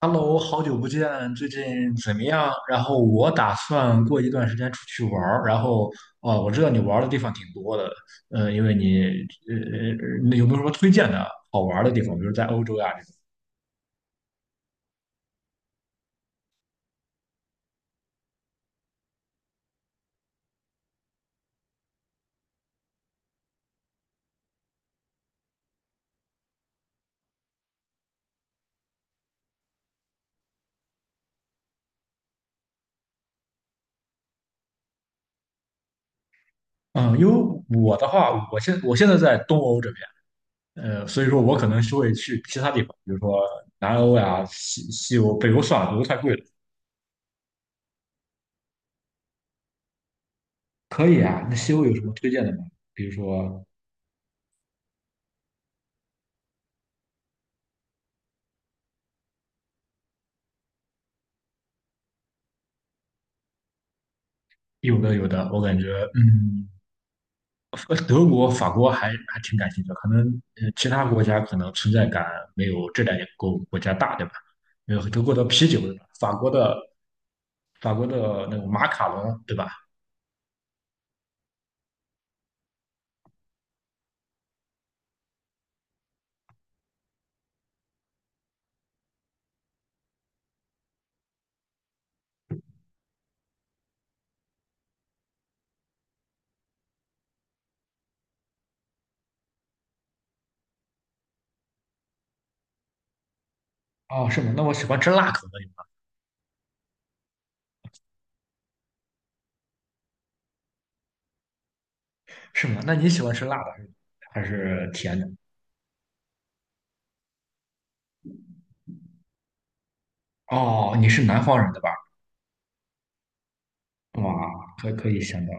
Hello，好久不见，最近怎么样？然后我打算过一段时间出去玩儿，然后哦，我知道你玩儿的地方挺多的，嗯，因为你呃，呃那有没有什么推荐的好玩儿的地方？比如在欧洲呀这种。嗯，因为我的话，我现在在东欧这边，呃，所以说我可能是会去其他地方，比如说南欧呀、西欧、北欧算了，北欧太贵了。可以啊，那西欧有什么推荐的吗？比如说有的有的，我感觉嗯。呃德国、法国还挺感兴趣的，可能呃其他国家可能存在感没有这两个国家大，对吧？因为德国的啤酒，对吧？法国的那个马卡龙，对吧？哦，是吗？那我喜欢吃辣口的，是吗？那你喜欢吃辣的还是甜的？哦，你是南方人对吧？哇，可以想到，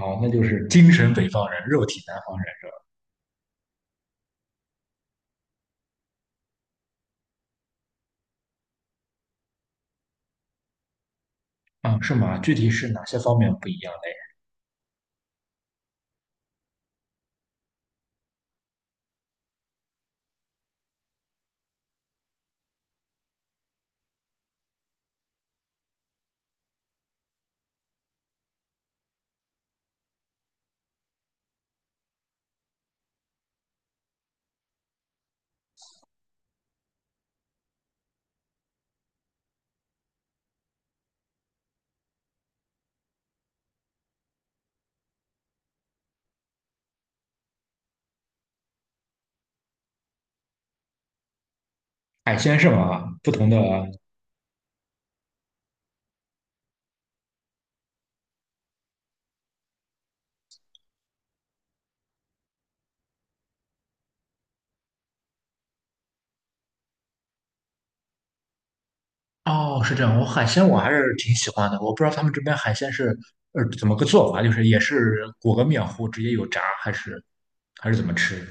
哦，那就是精神北方人，肉体南方人，嗯，是吗？具体是哪些方面不一样嘞？海鲜是吗？不同的哦，是这样。我海鲜我还是挺喜欢的。我不知道他们这边海鲜是呃怎么个做法，就是也是裹个面糊直接有炸，还是怎么吃？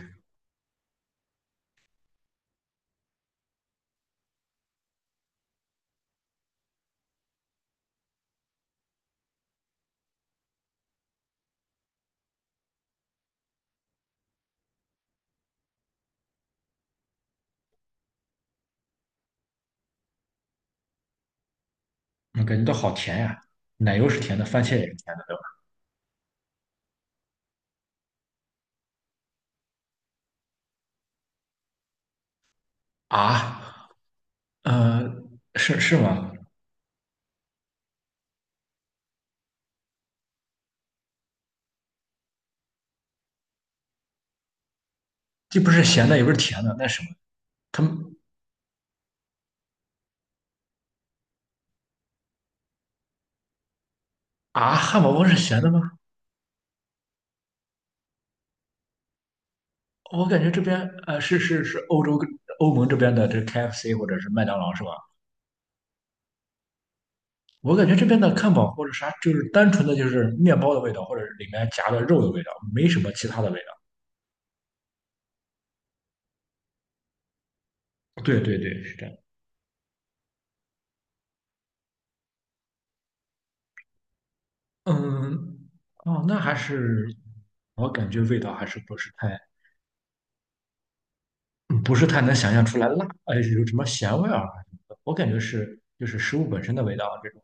我感觉到好甜呀，奶油是甜的，番茄也是甜的，对吧？啊，呃，是吗？既不是咸的，也不是甜的，那什么？他们啊，汉堡包是咸的吗？我感觉这边呃欧洲欧盟这边的这 KFC 或者是麦当劳是吧？我感觉这边的汉堡或者啥，就是单纯的就是面包的味道，或者里面夹的肉的味道，没什么其他的味道。对对对，是这样。嗯，哦，那还是我感觉味道还是不是太，嗯不是太能想象出来辣，哎，有什么咸味儿啊什么的。我感觉是就是食物本身的味道这种。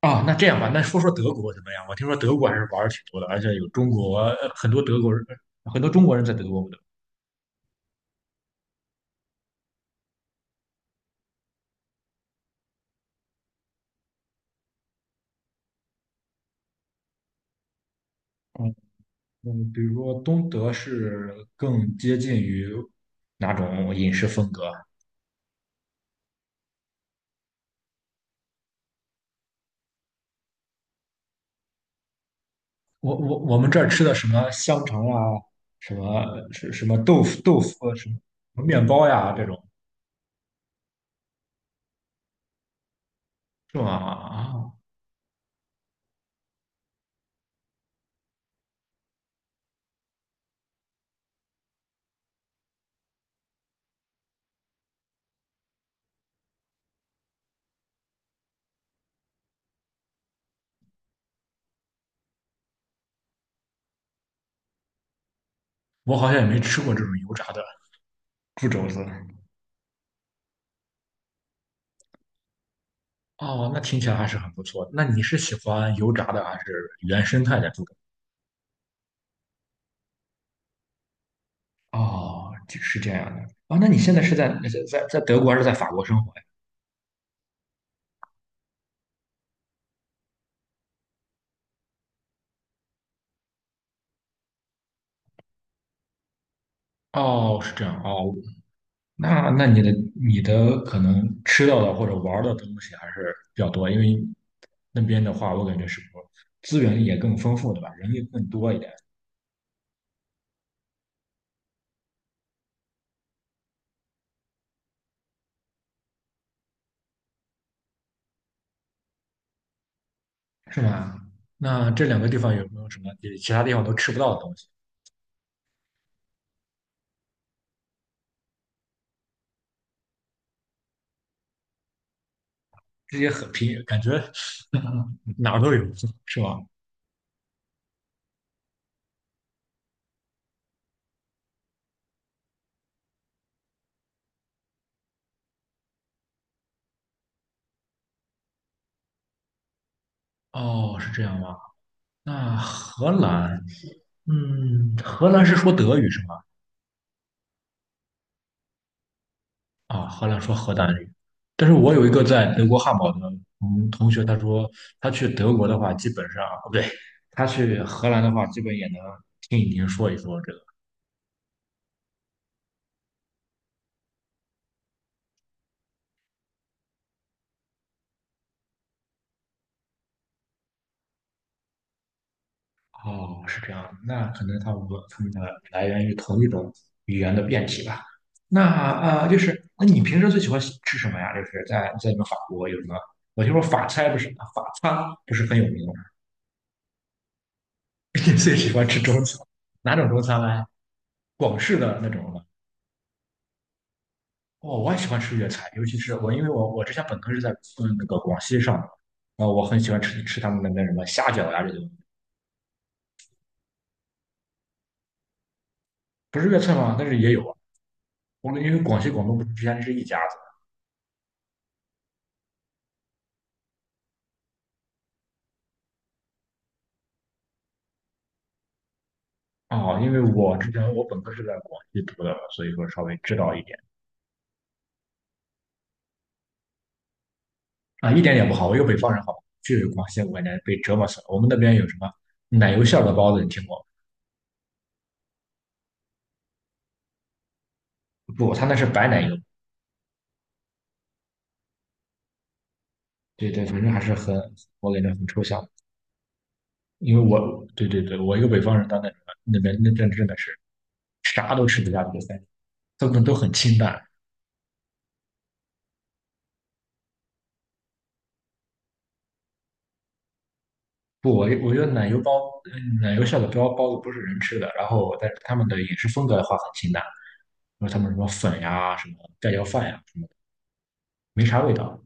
啊，那这样吧，那说说德国怎么样？我听说德国还是玩儿挺多的，而且有中国呃很多德国人，呃很多中国人在德国。对嗯，比如说东德是更接近于哪种饮食风格啊？我们这儿吃的什么香肠呀，什么是什么豆腐啊什么面包呀这种是吗？啊，我好像也没吃过这种油炸的猪肘子。哦，那听起来还是很不错的那你是喜欢油炸的还是原生态的猪肘？哦，这是这样的。啊，那你现在是在德国还是在法国生活呀？哦，是这样。哦，那那你的你的可能吃到的或者玩儿的东西还是比较多，因为那边的话，我感觉是不资源也更丰富，对吧？人也更多一点，是吧？那这两个地方有没有什么比其他地方都吃不到的东西？这些很平，感觉 哪儿都有，是吧？哦，是这样吗？那荷兰，嗯，荷兰是说德语是吗？啊，荷兰说荷兰语，但是我有一个在德国汉堡的同学，他说他去德国的话，基本上哦不对，他去荷兰的话，基本也能听一听说一说这个。哦，是这样，那可能他们他们的来源于同一种语言的变体吧。那啊，就是那你平时最喜欢吃什么呀？就是在在你们法国有什么？我听说法餐不是法餐不是很有名吗，你最喜欢吃中餐，哪种中餐呢？广式的那种吗？哦，我也喜欢吃粤菜，尤其是我，因为我我之前本科是在嗯那个广西上的，然后我很喜欢吃他们那边什么虾饺呀这些东西。不是粤菜吗？但是也有啊。我们因为广西广东不是之前是一家子啊、哦因为我之前我本科是在广西读的，所以说稍微知道一点啊，一点也不好。我一个北方人好吧，去广西我感觉被折磨死了。我们那边有什么奶油馅儿的包子，你听过吗不，他那是白奶油。对对，反正还是很，我感觉很抽象。因为我对对对，我一个北方人到那那边那真的是。啥都吃不下去，三他们都很清淡。不，我觉得奶油包，嗯奶油馅的包子不是人吃的，然后但是他们的饮食风格的话很清淡，因为他们什么粉呀、什么盖浇饭呀什么的，没啥味道。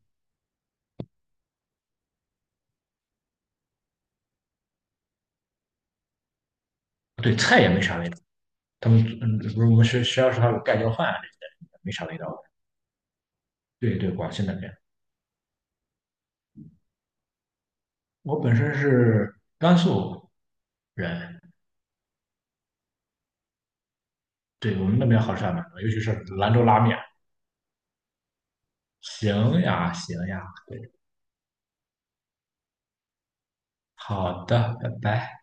对，菜也没啥味道。他们嗯，不是我们学校食堂有盖浇饭啊这些的，没啥味道的。对对，广西那边，我本身是甘肃人，对我们那边好吃还蛮多，尤其是兰州拉面。行呀，行呀，好的，拜拜。